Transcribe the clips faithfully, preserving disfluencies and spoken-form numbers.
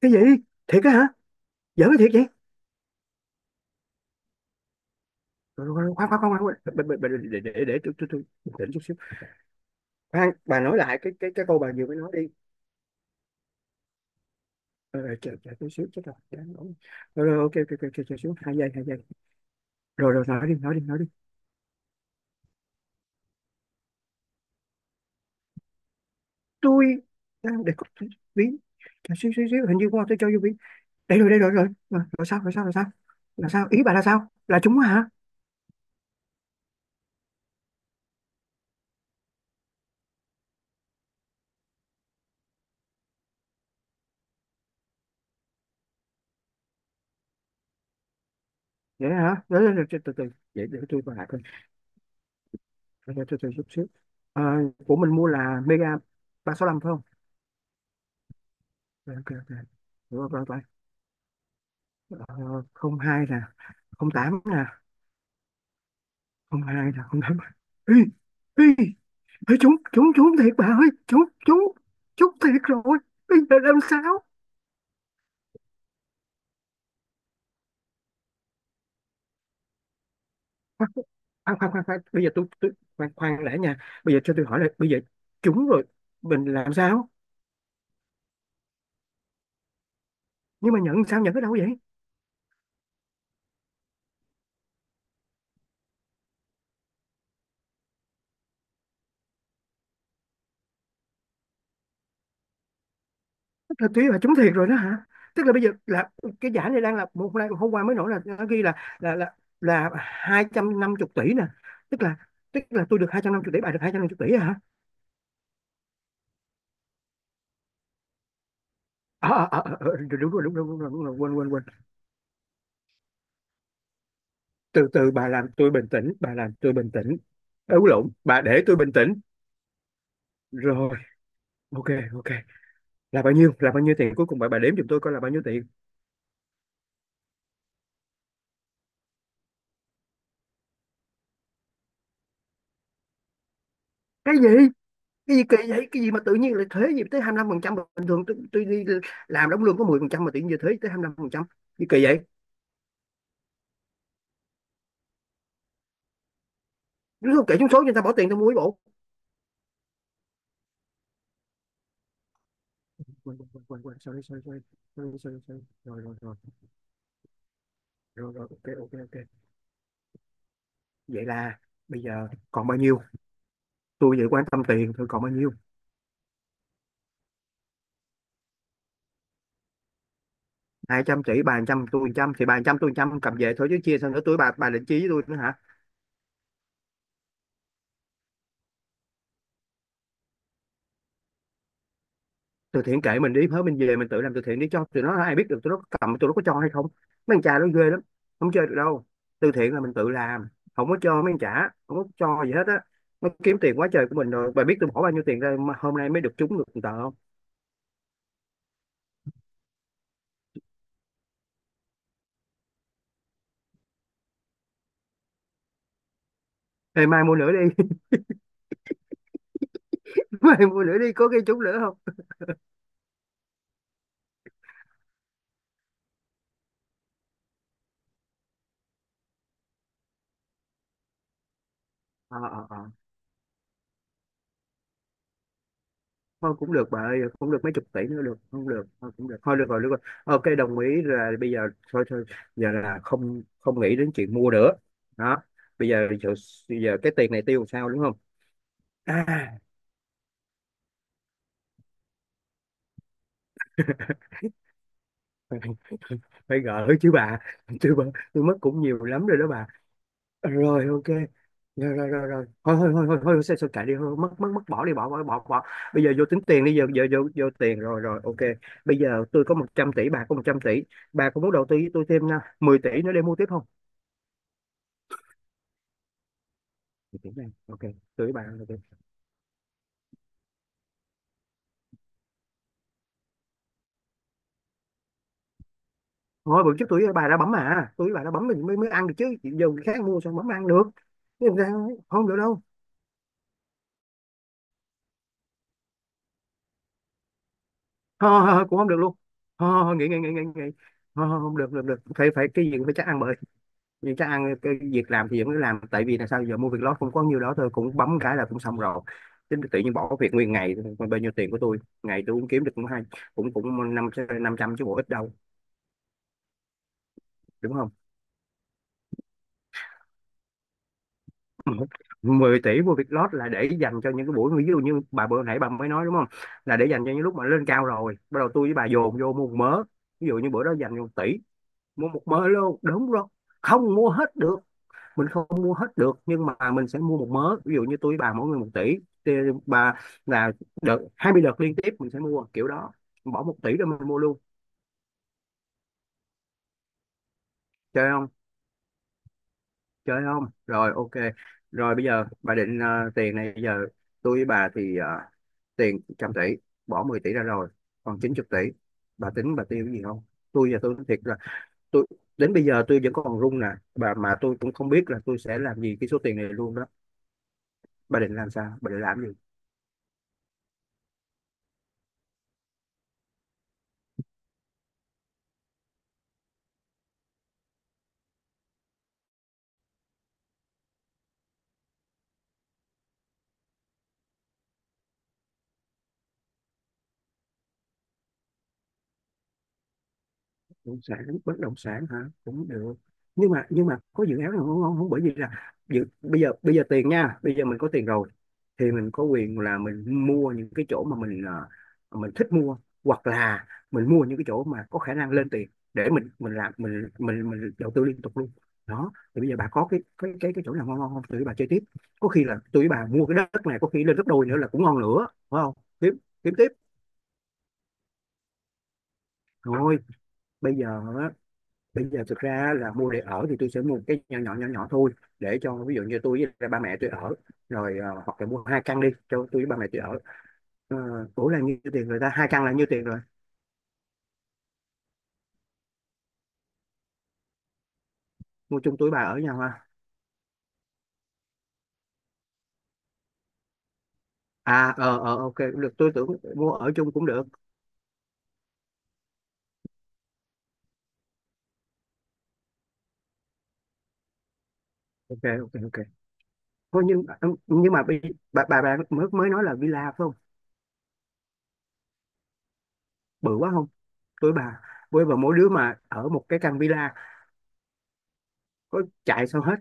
Cái gì? Thiệt á hả? Giỡn cái thiệt vậy? Rồi, rồi, rồi, khoan khoan khoan khoan khoan. Để để để để tôi tôi tôi bình tĩnh chút xíu. Khoan, bà nói lại cái cái cái câu bà vừa mới nói đi. Ờ, ờ, chờ chờ chút xíu, chết rồi đáng nổi. Rồi rồi, ok ok ok, chờ chờ xíu, hai giây hai giây Rồi rồi, nói đi nói đi nói đi Tôi đang để cốc, ví, chờ xíu xíu xíu, hình như qua tôi cho vô ví. Đây rồi, đây rồi, rồi rồi rồi, sao rồi, sao rồi, sao là sao? Ý bà là sao, là chúng á hả? Vậy hả? Rồi rồi rồi, từ từ từ. Vậy để tôi coi lại coi. Rồi, rồi, từ từ chút xíu. Ờ, của mình mua là mega ba sáu lăm phải không? Ok ok ok, rồi rồi rồi, ờ, không hai nè, không tám nè, không hai nè, không tám. Ê, ê, ê, trúng trúng trúng thiệt bà ơi, trúng trúng trúng thiệt rồi. Bây giờ làm sao? Khoan khoan khoan, khoan, khoan. Bây giờ tôi tôi khoan khoan đã nha. Bây giờ cho tôi hỏi là bây giờ trúng rồi mình làm sao? Nhưng mà nhận sao, nhận ở đâu vậy? Tức là tí là trúng thiệt rồi đó hả? Tức là bây giờ là cái giải này đang là một nay hôm qua mới nổi là nó ghi là là là là hai trăm năm mươi tỷ nè. Tức là, tức là tôi được hai trăm năm mươi tỷ, bà được hai trăm năm mươi tỷ hả? À, à, à, à, đúng rồi đúng rồi đúng rồi đúng rồi đúng rồi, quên quên quên. Từ từ, bà làm tôi bình tĩnh, bà làm tôi bình tĩnh. Ấu lộn, bà để tôi bình tĩnh. Rồi, ok ok. Là bao nhiêu, là bao nhiêu tiền cuối cùng? Bà bà đếm giùm tôi coi là bao nhiêu tiền. Cái gì? Cái gì kỳ vậy? Cái gì mà tự nhiên lại thuế gì tới hai lăm phần trăm? Bình thường tôi, tôi đi làm đóng lương có mười phần trăm mà tự nhiên giờ thuế tới hai mươi lăm phần trăm? Gì kỳ vậy? Đúng không? Kể trúng số cho người ta bỏ tiền tao mua cái bộ. Quên quên quên quên quên, sorry sorry sorry, sorry sorry sorry, rồi rồi rồi, rồi rồi, ok ok ok. Vậy là bây giờ còn bao nhiêu? Tôi vừa quan tâm tiền thôi, còn bao nhiêu? Hai trăm tỷ, bà một trăm tôi một trăm, thì bà một trăm tôi một trăm cầm về thôi chứ chia sao nữa, tôi bà bà định chia với tôi nữa hả? Từ thiện kệ mình, đi hết mình về mình tự làm từ thiện đi, cho tụi nó ai biết được tụi nó có cầm, tụi nó có cho hay không. Mấy anh cha nó ghê lắm, không chơi được đâu. Từ thiện là mình tự làm, không có cho mấy anh trả, không có cho gì hết á. Nó kiếm tiền quá trời của mình rồi, bà biết tôi bỏ bao nhiêu tiền ra mà hôm nay mới được trúng được một tờ không? Ê, mai mua nữa đi. Mai mua nữa đi có cái trúng nữa không? Ờ, ờ, ờ. Thôi cũng được bà ơi, cũng được mấy chục tỷ nữa được không, được thôi, cũng được thôi, được rồi, được rồi, ok. Đồng ý là bây giờ thôi thôi, giờ là không không nghĩ đến chuyện mua nữa. Đó, bây giờ giờ, giờ cái tiền này tiêu làm sao, đúng không? À, phải gỡ chứ bà, chứ bà. Tôi mất cũng nhiều lắm rồi đó bà. Rồi ok, rồi rồi rồi rồi, thôi thôi thôi thôi thôi, sẽ sẽ kệ đi thôi, mất mất mất bỏ đi, bỏ bỏ bỏ bỏ Bây giờ vô tính tiền đi, giờ giờ vô vô tiền, rồi rồi ok. Bây giờ tôi có một trăm tỷ, bà có một trăm tỷ, bà có muốn đầu tư với tôi thêm à, mười tỷ nữa để mua tiếp không? mười tỷ này ok, tôi với bà ok. Thôi bữa trước tôi với bà đã bấm mà, tôi với bà đã bấm mình mới mới ăn được chứ, giờ người khác mua sao bấm ăn được. Thế làm sao? Không được đâu. Thôi, thôi, thôi, cũng không được luôn. Thôi, thôi, thôi, nghỉ nghỉ nghỉ nghỉ nghỉ Thôi, thôi, không được, được được phải phải cái gì cũng phải chắc ăn bữa. Những cái ăn cái việc làm thì vẫn cứ làm, tại vì là sao giờ mua việc đó cũng có nhiêu đó thôi, cũng bấm cái là cũng xong rồi. Chứ tự nhiên bỏ việc nguyên ngày, còn bao nhiêu tiền của tôi, ngày tôi cũng kiếm được cũng hay, cũng cũng năm, năm trăm chứ bộ ít đâu. Đúng không? Mười tỷ mua việc lót là để dành cho những cái buổi ví dụ như bà bữa nãy bà mới nói, đúng không? Là để dành cho những lúc mà lên cao rồi bắt đầu tôi với bà dồn vô mua một mớ. Ví dụ như bữa đó dành một tỷ, mua một mớ luôn, đúng rồi. Không mua hết được, mình không mua hết được, nhưng mà mình sẽ mua một mớ, ví dụ như tôi với bà mỗi người một tỷ, thì bà là đợt hai mươi đợt liên tiếp mình sẽ mua kiểu đó, bỏ một tỷ rồi mình mua luôn. Chơi không? Chơi không? Rồi ok. Rồi bây giờ bà định ờ, tiền này bây giờ tôi với bà thì ờ, tiền trăm tỷ, bỏ mười tỷ ra rồi còn chín mươi tỷ, bà tính bà tiêu cái gì không? Tôi giờ tôi nói thiệt là tôi đến bây giờ tôi vẫn còn run nè bà, mà tôi cũng không biết là tôi sẽ làm gì cái số tiền này luôn đó. Bà định làm sao, bà định làm gì? Động sản, bất động sản hả? Cũng được. Nhưng mà, nhưng mà có dự án nào không, không, không, bởi vì là dự, bây giờ, bây giờ tiền nha, bây giờ mình có tiền rồi thì mình có quyền là mình mua những cái chỗ mà mình ờ, mình thích mua, hoặc là mình mua những cái chỗ mà có khả năng lên tiền, để mình mình làm, mình mình mình đầu tư liên tục luôn. Đó thì bây giờ bà có cái cái cái cái chỗ nào ngon ngon không, tụi bà chơi tiếp. Có khi là tụi bà mua cái đất này có khi lên gấp đôi nữa là cũng ngon nữa phải không? Kiếm, kiếm tiếp. Rồi bây giờ, bây giờ thực ra là mua để ở thì tôi sẽ mua một cái nhỏ nhỏ nhỏ nhỏ thôi, để cho ví dụ như tôi với lại ba mẹ tôi ở, rồi ờ, hoặc là mua hai căn đi cho tôi với ba mẹ tôi ở. Uh, ủa là nhiêu tiền, người ta hai căn là nhiêu tiền rồi. Mua chung tuổi bà ở nhau ha? À ờ ờ ok cũng được, tôi tưởng. Mua ở chung cũng được. Ok ok ok, thôi nhưng, nhưng mà bây- bà bà bà mới mới nói là villa phải không? Bự quá không? Tuổi bà với bà mỗi đứa mà ở một cái căn villa, có chạy sao hết?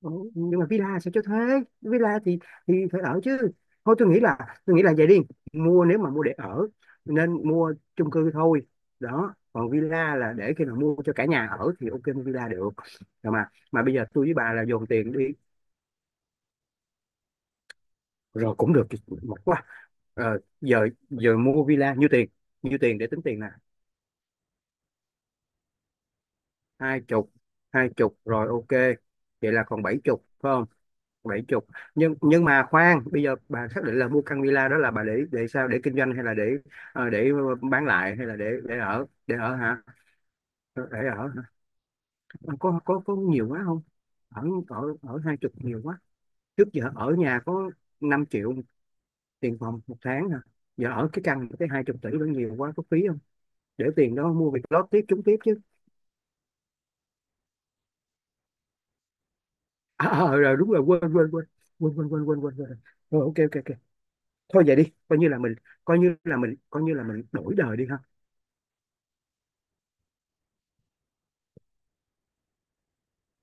Ủa, nhưng mà villa sao cho thuê? Villa thì thì phải ở chứ. Thôi tôi nghĩ là, tôi nghĩ là vậy đi, mua nếu mà mua để ở nên mua chung cư thôi. Đó, còn villa là để khi nào mua cho cả nhà ở thì ok, mua villa được. Rồi mà mà bây giờ tôi với bà là dồn tiền đi, rồi cũng được, mệt quá. Ờ, giờ giờ mua villa nhiêu tiền, nhiêu tiền để tính tiền nè. Hai chục, hai chục, rồi ok. Vậy là còn bảy chục phải không? Bảy chục, nhưng nhưng mà khoan, bây giờ bà xác định là mua căn villa đó là bà để để sao, để kinh doanh hay là để ờ, để bán lại hay là để để ở, để ở hả? Để ở hả? Ờ, có có có nhiều quá không? Ở ở ở hai chục nhiều quá, trước giờ ở nhà có năm triệu tiền phòng một tháng hả? Giờ ở cái căn cái hai chục tỷ đó nhiều quá, có phí không? Để tiền đó mua việc lót tiếp, trúng tiếp chứ. à, à, rồi đúng rồi, quên quên quên quên quên quên quên quên quên. Rồi, ok ok ok. Thôi vậy đi, coi như là mình, coi như là mình coi như là mình đổi đời đi ha.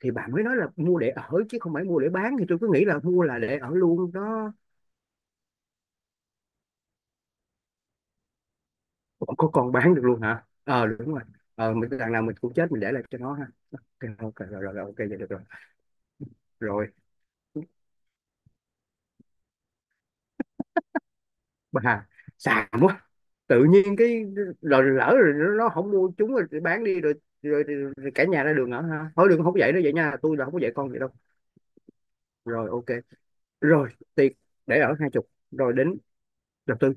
Thì bà mới nói là mua để ở chứ không phải mua để bán, thì tôi cứ nghĩ là mua là để ở luôn đó. Còn có còn bán được luôn hả? Ờ, đúng rồi. Ờ, mình đằng nào mình cũng chết, mình để lại cho nó ha. Ok ok, rồi rồi rồi, ok vậy được rồi. Rồi, bà xàm quá, tự nhiên cái. Rồi lỡ rồi nó nó không mua chúng rồi thì bán đi rồi, rồi, rồi, rồi cả nhà ra đường ở ha. Thôi đừng, không dạy nó vậy nha, tôi là không có dạy con vậy đâu. Rồi ok. Rồi, tiền để ở hai chục, rồi đến đầu tư.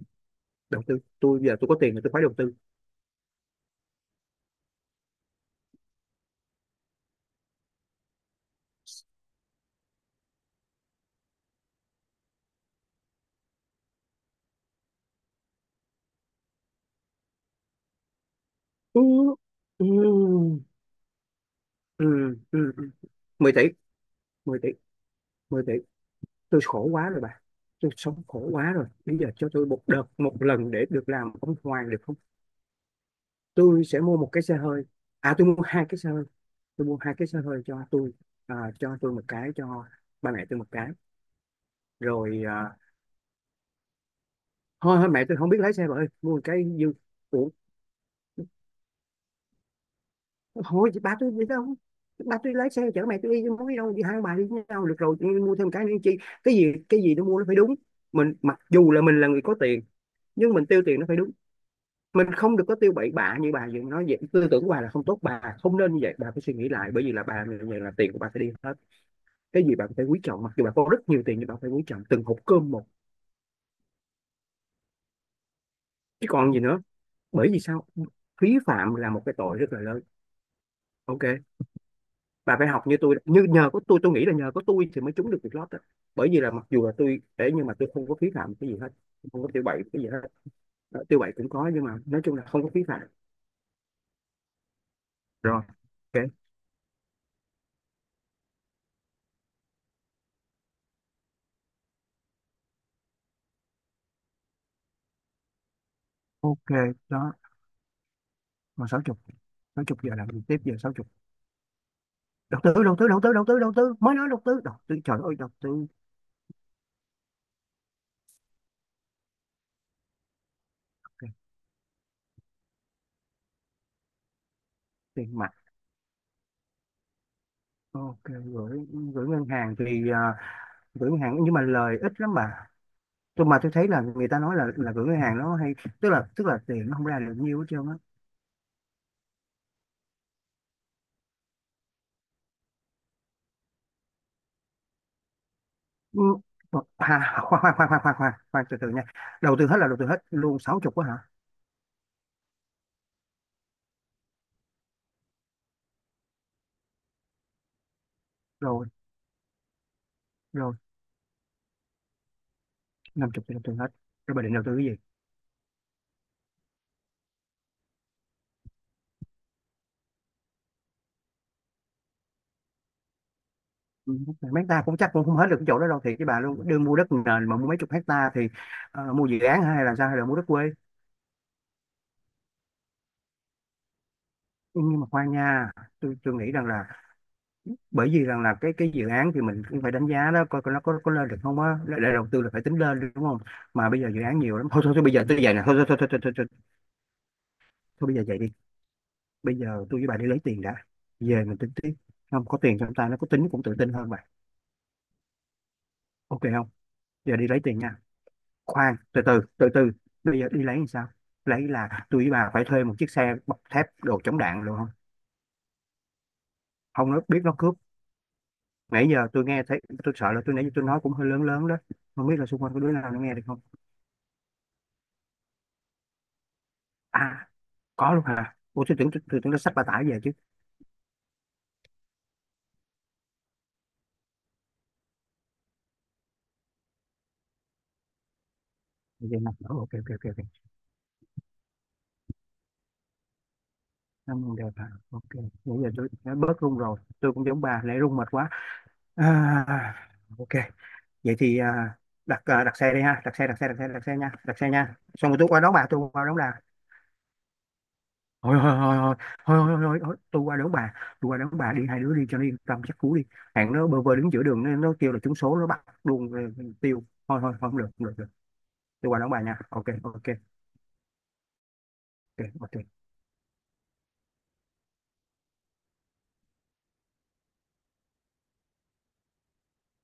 Đầu tư tôi, giờ tôi có tiền thì tôi phải đầu tư. Ừ, ừ, ừ, ừ. Mười tỷ, mười tỷ, mười tỷ. Tôi khổ quá rồi bà, tôi sống khổ quá rồi, bây giờ cho tôi một đợt, một lần để được làm ông hoàng được không? Tôi sẽ mua một cái xe hơi. À tôi mua hai cái xe hơi, tôi mua hai cái xe hơi cho tôi. À, cho tôi một cái, cho ba mẹ tôi một cái. Rồi à, thôi thôi, mẹ tôi không biết lái xe bà ơi, mua một cái dư. Ủa, thôi chị ba tôi đi đâu? Ba tôi lái xe chở mẹ tôi đi chứ, muốn đi đâu đi, hai ông bà đi với nhau được rồi, mua thêm cái nữa chi. Cái gì cái gì tôi mua nó phải đúng. Mình mặc dù là mình là người có tiền, nhưng mình tiêu tiền nó phải đúng. Mình không được có tiêu bậy bạ như bà vừa nói vậy. Tư tưởng của bà là không tốt, bà không nên như vậy, bà phải suy nghĩ lại. Bởi vì là bà như vậy là tiền của bà phải đi hết. Cái gì bà phải quý trọng, mặc dù bà có rất nhiều tiền nhưng bà phải quý trọng từng hộp cơm một. Chứ còn gì nữa. Bởi vì sao? Phí phạm là một cái tội rất là lớn. Ok, bà phải học như tôi. Như nhờ có tôi tôi nghĩ là nhờ có tôi thì mới trúng được việc lót đó. Bởi vì là mặc dù là tôi để nhưng mà tôi không có phí phạm cái gì hết, không có tiêu bậy cái gì hết. Ờ, tiêu bậy cũng có nhưng mà nói chung là không có phí phạm. Rồi ok. Ok, đó. Còn sáu chục, sáu chục giờ làm gì tiếp, giờ sáu. Đầu tư, đầu tư, đầu tư, đầu tư, đầu tư mới nói đầu tư đầu tư, trời ơi, đầu tư. Tiền tiền mặt, ok. Gửi, gửi ngân hàng thì à, gửi ngân hàng nhưng mà lời ít lắm bà. Tôi mà tôi thấy là người ta nói là là gửi ngân hàng nó hay, tức là tức là tiền nó không ra được nhiều hết trơn á. Ừ, à, khoan khoan khoan khoan khoan khoan khoan, từ từ nha. Đầu tư hết là đầu tư hết luôn sáu chục quá hả? Rồi. Rồi, năm chục thì đầu tư hết, rồi bà định đầu tư cái gì? Ừ, mấy ta cũng chắc cũng không hết được cái chỗ đó đâu, thiệt với bà luôn, đưa mua đất nền mà mua mấy chục hecta thì. Ờ, mua dự án hả? Hay là sao, hay là mua đất quê? Nhưng mà khoan nha, tôi tôi nghĩ rằng là, bởi vì rằng là cái cái dự án thì mình cũng phải đánh giá đó, coi coi nó có có lên được không á. Là- là đầu tư là phải tính lên đi, đúng không? Mà bây giờ dự án nhiều lắm, thôi thôi, thôi bây giờ tôi vậy nè, thôi thôi thôi thôi thôi, thôi, thôi, thôi bây giờ vậy đi. Bây giờ tôi với bà đi lấy tiền đã, về mình tính tiếp. Không có tiền trong tay nó có tính cũng tự tin hơn bà. Ok không? Giờ đi lấy tiền nha. Khoan, từ từ từ từ. Bây giờ đi lấy làm sao, lấy là tôi với bà phải thuê một chiếc xe bọc thép đồ chống đạn luôn không? Không nó biết nó cướp. Nãy giờ tôi nghe thấy tôi sợ là, tôi nãy giờ tôi nói cũng hơi lớn lớn đó, không biết là xung quanh có đứa nào nó nghe được không. À, có luôn hả? Ủa tôi tưởng, tôi, tôi tưởng nó xách bà tải về chứ. Vậy nè. Ủa, ok ok ok ok. Năm con đẹp hả? Ok. Nãy giờ tôi đã bớt run rồi, tôi cũng giống bà, nãy run mệt quá. à, ok. Vậy thì à, đặt à, đặt xe đi ha, đặt xe đặt xe đặt xe đặt xe nha, đặt xe nha, xong rồi tôi qua đón bà, tôi qua đón bà. Thôi thôi thôi thôi, thôi thôi thôi thôi, tôi qua đón bà, tôi qua đón bà đi, hai đứa đi cho nó yên tâm, chắc cú đi. Hạng nó bơ vơ đứng giữa đường, nó, nó kêu là trúng số nó bắt luôn. Ừ, tiêu. Thôi thôi thôi, không được, không được, được. Tôi qua đón bà nha. Ok ok, ok ok.